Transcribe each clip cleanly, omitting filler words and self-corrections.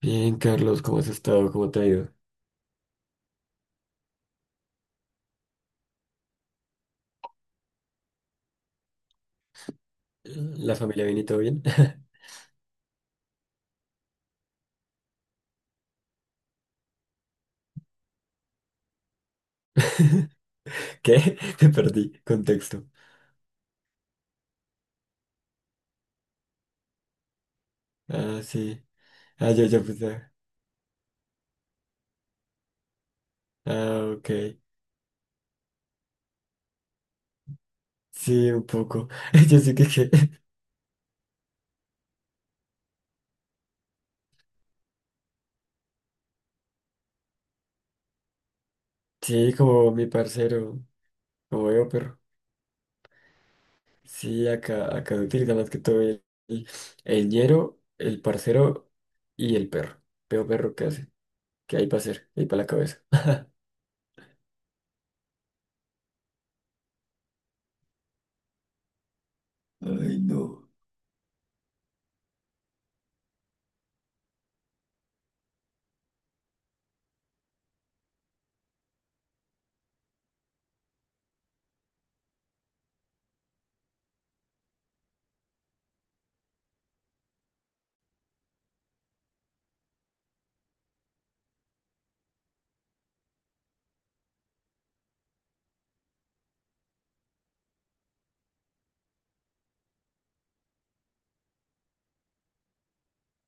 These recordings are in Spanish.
Bien, Carlos, ¿cómo has estado? ¿Cómo te ha ido? ¿La familia bien y todo bien? ¿Qué? Te perdí. Contexto. Ah, sí. Ah, yo ya puse. Ah, ok. Sí, un poco. Yo sí que. Sí, como mi parcero. Como veo, pero. Sí, acá se utiliza más que todo el, el ñero, el parcero y el perro. Veo perro, ¿qué hace? ¿Qué hay para hacer? ¿Qué hay para la cabeza? Ay, no.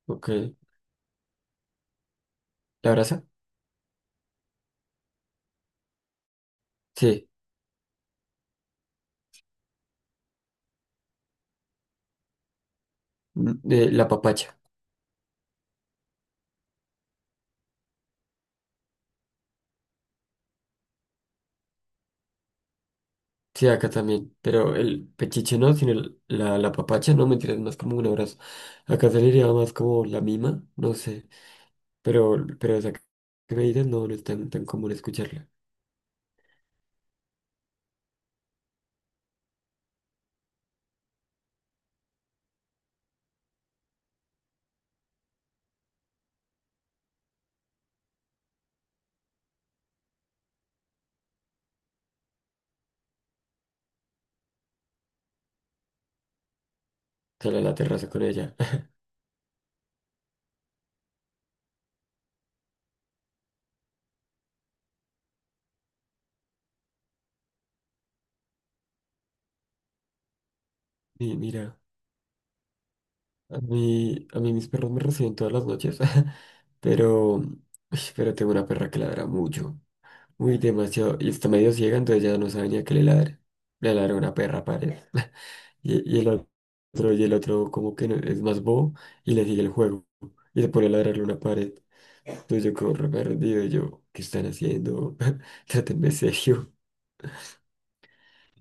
Ok. ¿La abraza? Sí. Mm, la papacha. Sí, acá también, pero el pechiche no, sino la papacha, no, mentira, es más como un abrazo. Acá se le diría más como la mima, no sé, pero esa que me dices no, no es tan común escucharla. Sale a la terraza con ella. Y mira, a mí mis perros me reciben todas las noches, pero, uy, pero tengo una perra que ladra mucho, muy demasiado, y está medio ciega, entonces ya no sabe ni a qué le ladra. Le ladra una perra, pared. Y el otro, y el otro como que es más bobo y le sigue el juego. Y se pone a ladrarle una pared. Entonces yo como re perdido, y yo, ¿qué están haciendo? Trátenme serio.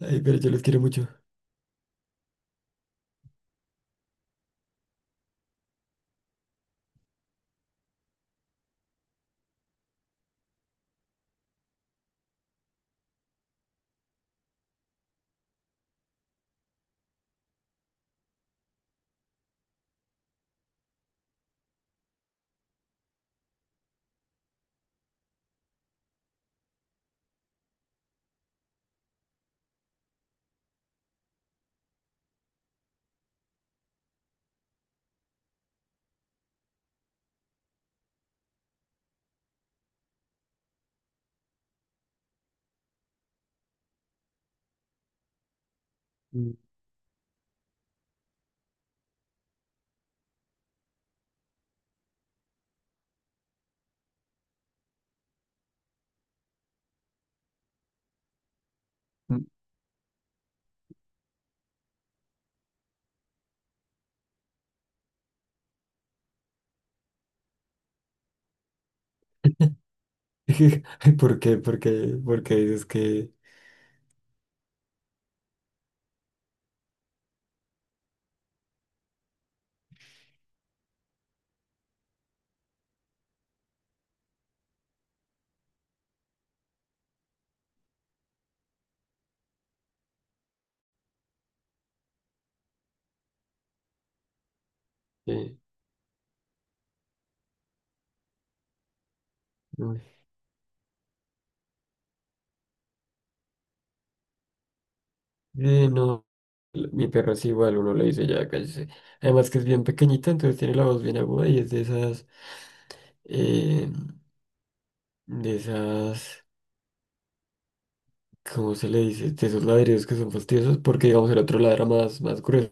Ay, pero yo los quiero mucho. Mm, mm. ¿Por qué? ¿Por qué? ¿Por qué dices que no? Eh, no, Mi perro es igual, uno le dice ya, cállese. Además que es bien pequeñita, entonces tiene la voz bien aguda y es eh, de esas... ¿cómo se le dice? De esos ladridos que son fastidiosos, porque digamos el otro ladra más, más grueso.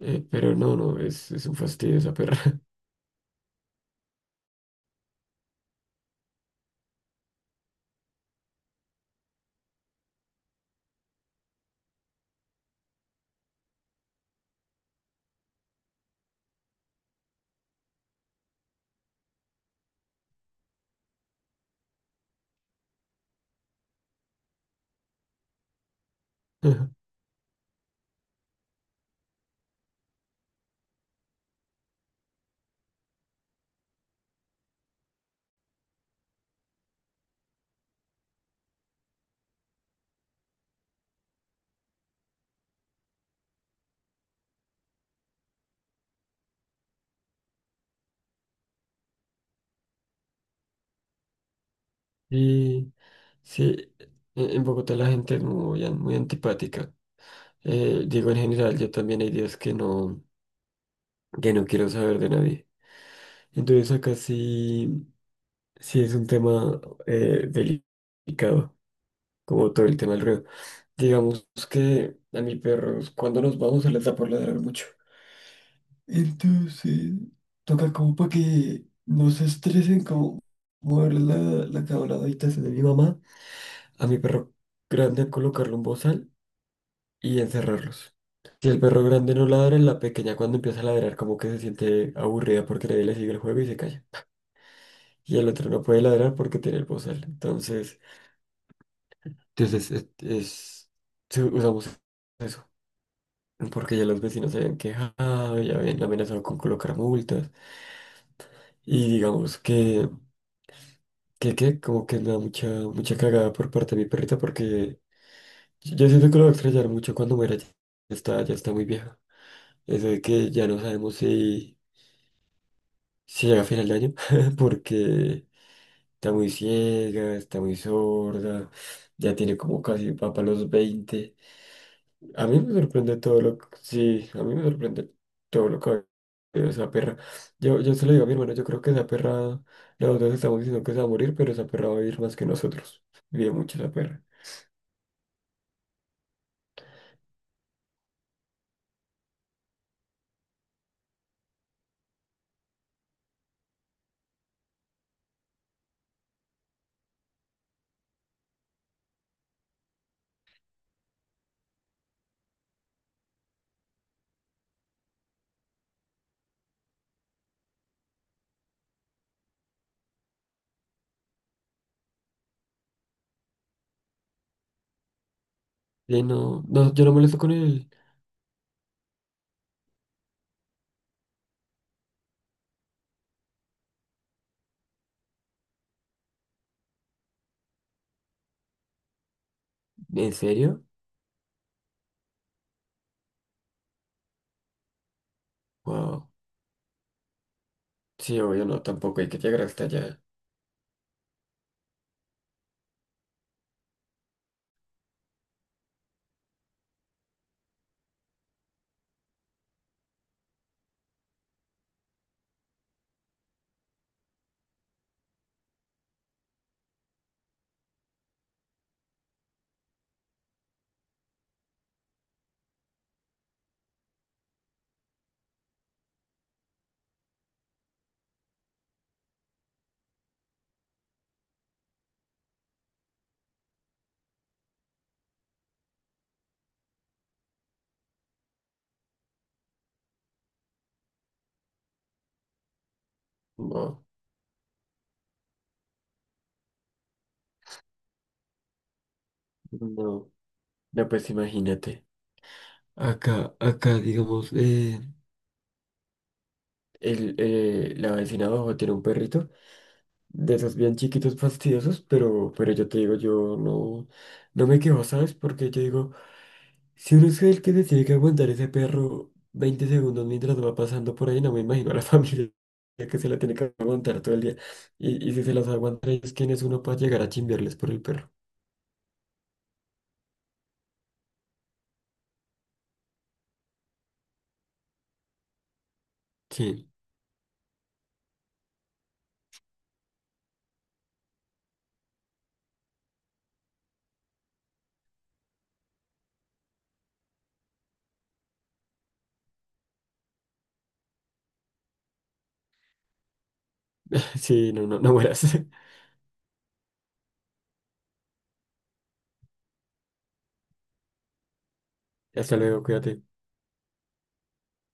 Pero no, no, es un fastidio esa perra. Y sí, en Bogotá la gente es muy, muy antipática. Digo, en general, yo también hay días que no quiero saber de nadie. Entonces acá sí, sí es un tema delicado, como todo el tema del ruido. Digamos que a mis perros, cuando nos vamos, se les da por ladrar mucho. Entonces, toca como para que no se estresen, como mover la cama a la habitación de mi mamá, a mi perro grande colocarle un bozal y encerrarlos. Si el perro grande no ladra, la pequeña cuando empieza a ladrar como que se siente aburrida porque nadie le sigue el juego y se calla. Y el otro no puede ladrar porque tiene el bozal. Entonces, entonces sí, usamos eso. Porque ya los vecinos se habían quejado, ya habían amenazado con colocar multas. Y digamos que como que me da mucha cagada por parte de mi perrita porque yo siento que lo voy a extrañar mucho cuando muera. Ya está muy vieja. Eso de que ya no sabemos si, si llega a final de año porque está muy ciega, está muy sorda, ya tiene como casi va para los 20. A mí me sorprende todo lo que... Sí, a mí me sorprende todo lo que... ha vivido esa perra, yo se lo digo a mi hermano, yo creo que esa perra, nosotros estamos diciendo que se va a morir, pero esa perra va a vivir más que nosotros. Vive mucho esa perra. Le no, no, yo no molesto con él. ¿En serio? Wow. Sí, obvio, no, tampoco hay que llegar hasta allá. Wow. No, no, pues imagínate. Acá, digamos, la vecina abajo tiene un perrito de esos bien chiquitos fastidiosos, pero yo te digo, yo no, no me quejo, ¿sabes? Porque yo digo, si uno es el que se tiene que aguantar ese perro 20 segundos mientras va pasando por ahí, no me imagino a la familia que se la tiene que aguantar todo el día. Y si se las aguanta ellos, ¿quién es uno para llegar a chimbiarles por el perro? Sí, sí, no, no, no mueras. Hasta luego, cuídate.